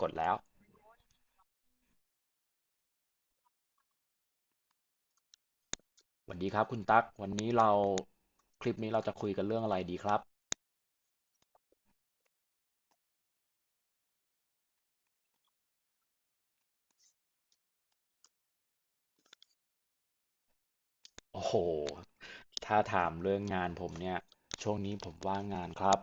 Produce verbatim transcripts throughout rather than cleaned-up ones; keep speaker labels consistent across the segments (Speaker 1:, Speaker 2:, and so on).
Speaker 1: กดแล้วสวัสดีครับคุณตั๊กวันนี้เราคลิปนี้เราจะคุยกันเรื่องอะไรดีครับโอ้โหถ้าถามเรื่องงานผมเนี่ยช่วงนี้ผมว่างงานครับ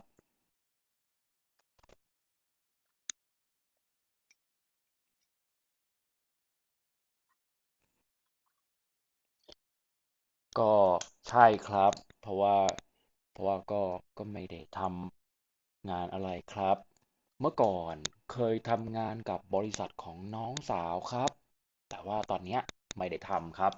Speaker 1: ก็ใช่ครับเพราะว่าเพราะว่าก็ก็ไม่ได้ทำงานอะไรครับ เมื่อก่อนเคยทำงานกับบริษัทของน้องสาวครับ แต่ว่าตอนเนี้ยไม่ได้ทำครับ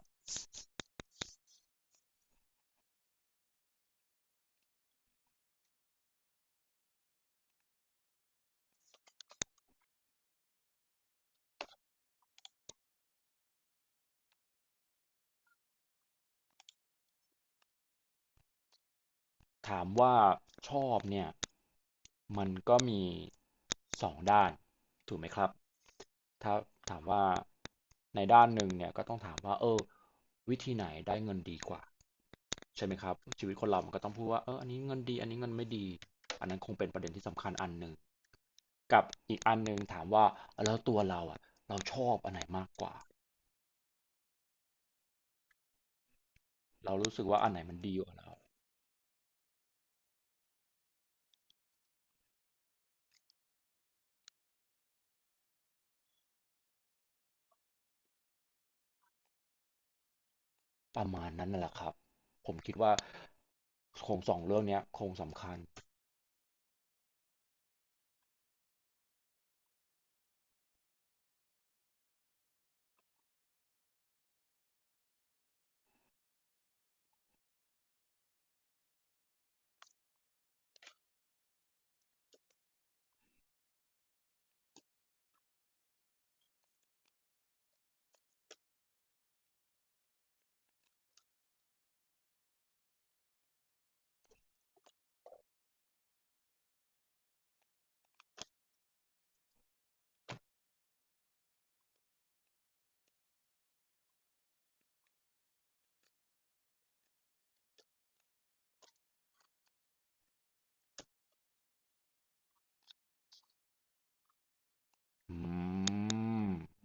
Speaker 1: ถามว่าชอบเนี่ยมันก็มีสองด้านถูกไหมครับถ้าถามว่าในด้านหนึ่งเนี่ยก็ต้องถามว่าเออวิธีไหนได้เงินดีกว่าใช่ไหมครับชีวิตคนเรามันก็ต้องพูดว่าเอออันนี้เงินดีอันนี้เงินไม่ดีอันนั้นคงเป็นประเด็นที่สำคัญอันหนึ่งกับอีกอันหนึ่งถามว่าแล้วตัวเราอ่ะเราชอบอันไหนมากกว่าเรารู้สึกว่าอันไหนมันดีกว่าเรา ประมาณนั้นน่ะแหละครับผมคิดว่าโครงสองเรื่องเนี้ยโครงสำคัญอืม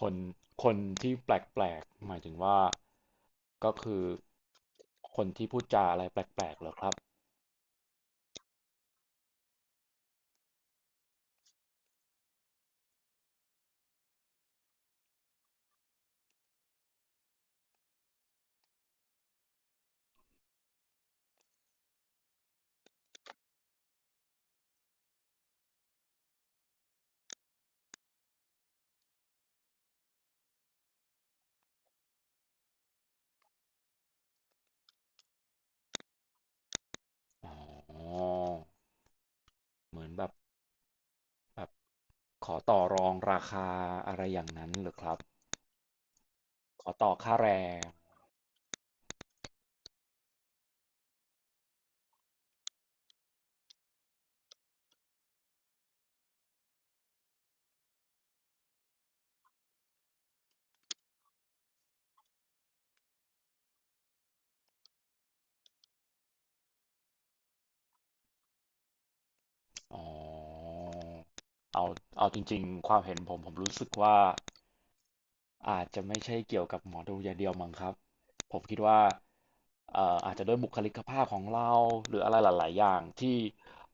Speaker 1: คนคนที่แปลกๆหมายถึงว่าก็คือคนที่พูดจาอะไรแปลกๆเหรอครับอ๋อเหมือนแบบแบบขอต่อรองราคาอะไรอย่างนั้นเหรอครับขอต่อค่าแรง อ๋อเอาเอาจริงๆความเห็นผมผมรู้สึกว่าอาจจะไม่ใช่เกี่ยวกับหมอดูอย่างเดียวมั้งครับผมคิดว่าเอ่ออาจจะด้วยบุคลิกภาพของเราหรืออะไรหลายๆอย่างที่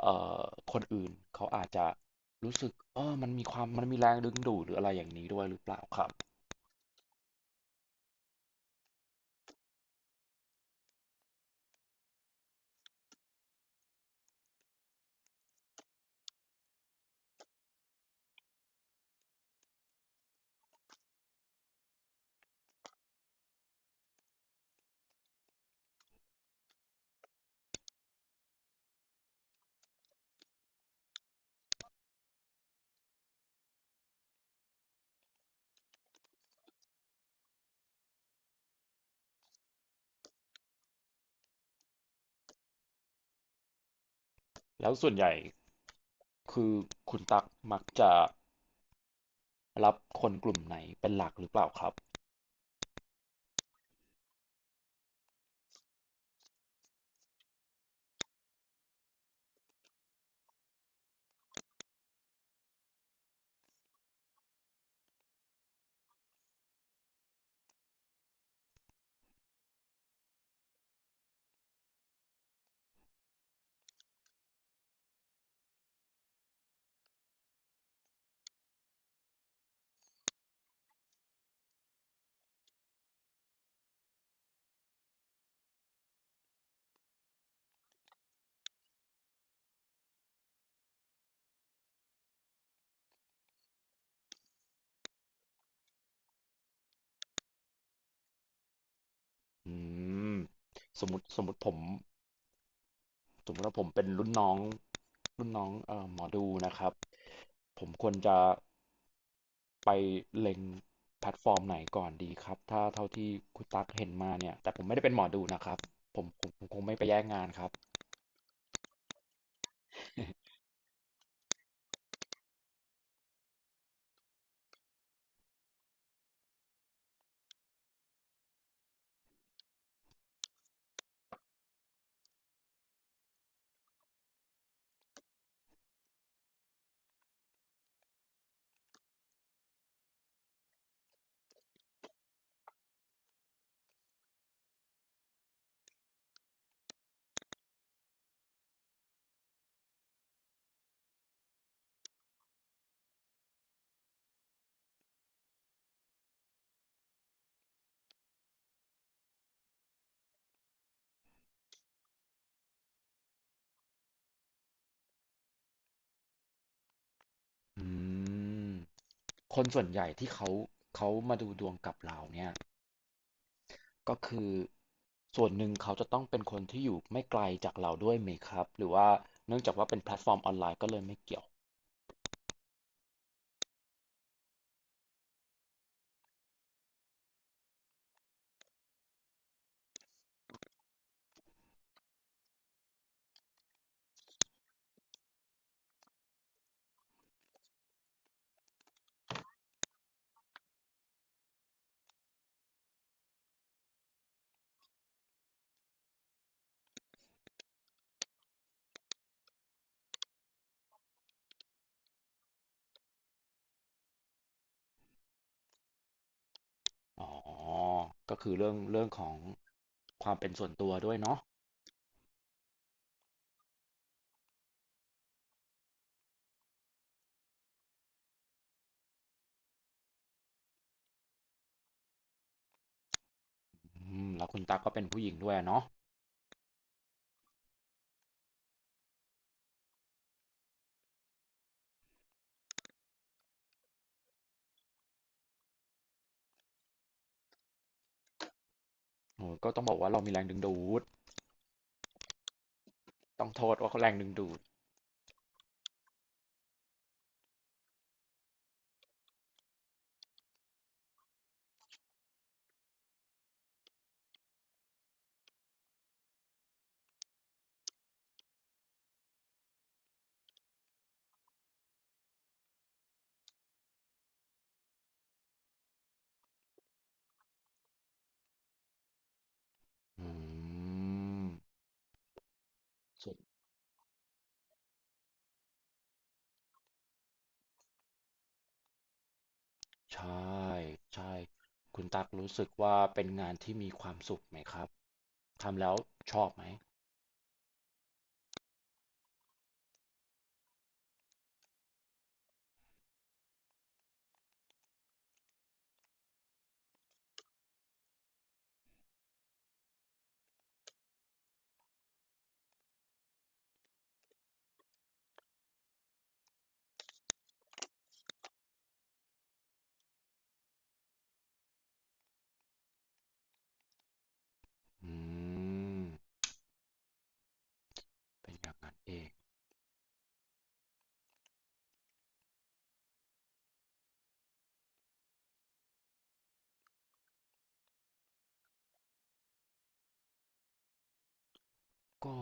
Speaker 1: เอ่อคนอื่นเขาอาจจะรู้สึกเออมันมีความมันมีแรงดึงดูดหรืออะไรอย่างนี้ด้วยหรือเปล่าครับแล้วส่วนใหญ่คือคุณตักมักจะรับคนกลุ่มไหนเป็นหลักหรือเปล่าครับอืมสมมติสมมติผม สมมติว่าผมเป็นรุ่นน้องรุ่นน้องเอ่อหมอดูนะครับผมควรจะไปเล็งแพลตฟอร์มไหนก่อนดีครับถ้าเท่าที่คุณตั๊กเห็นมาเนี่ยแต่ผมไม่ได้เป็นหมอดูนะครับผมผมผมคงไม่ไปแย่งงานครับอืมคนส่วนใหญ่ที่เขาเขามาดูดวงกับเราเนี่ยก็คือส่วนหนึ่งเขาจะต้องเป็นคนที่อยู่ไม่ไกลจากเราด้วยไหมครับหรือว่าเนื่องจากว่าเป็นแพลตฟอร์มออนไลน์ก็เลยไม่เกี่ยว อ๋อก็คือเรื่องเรื่องของความเป็นส่วนตัวด้วยเนาะอืมแล้วคุณตั๊กก็เป็นผู้หญิงด้วยอะเนาะโอ้ก็ต้องบอกว่าเรามีแรงดึงดูดต้องโทษว่าเขาแรงดึงดูดอืมสุดใช่ใช่คุณตั๊กรู้สึกว่าเป็นงานที่มีความสุขไหมครับทำแล้วชอบไหมอืมเป็นอย่างนั้นเองก็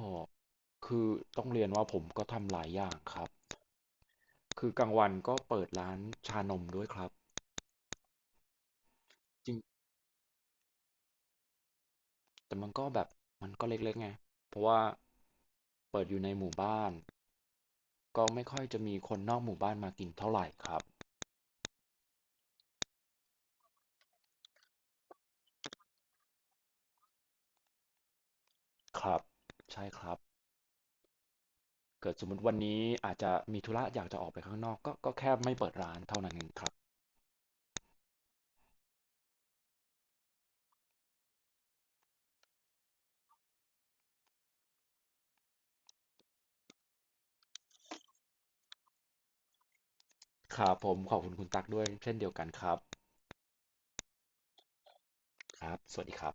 Speaker 1: คือต้องเรียนว่าผมก็ทำหลายอย่างครับคือกลางวันก็เปิดร้านชานมด้วยครับ แต่มันก็แบบมันก็เล็กๆไงเพราะว่าเปิดอยู่ในหมู่บ้านก็ไม่ค่อยจะมีคนนอกหมู่บ้านมากินเท่าไหร่ครับครับ ใช่ครับ เกิดสมมติวันนี้อาจจะมีธุระอยากจะออกไปข้างนอกก็ก็แค่ไม่เปิดร้านเท่านั้นเองครับครับผมขอบคุณคุณตั๊กด้วยเช่นเดียวกันครับครับสวัสดีครับ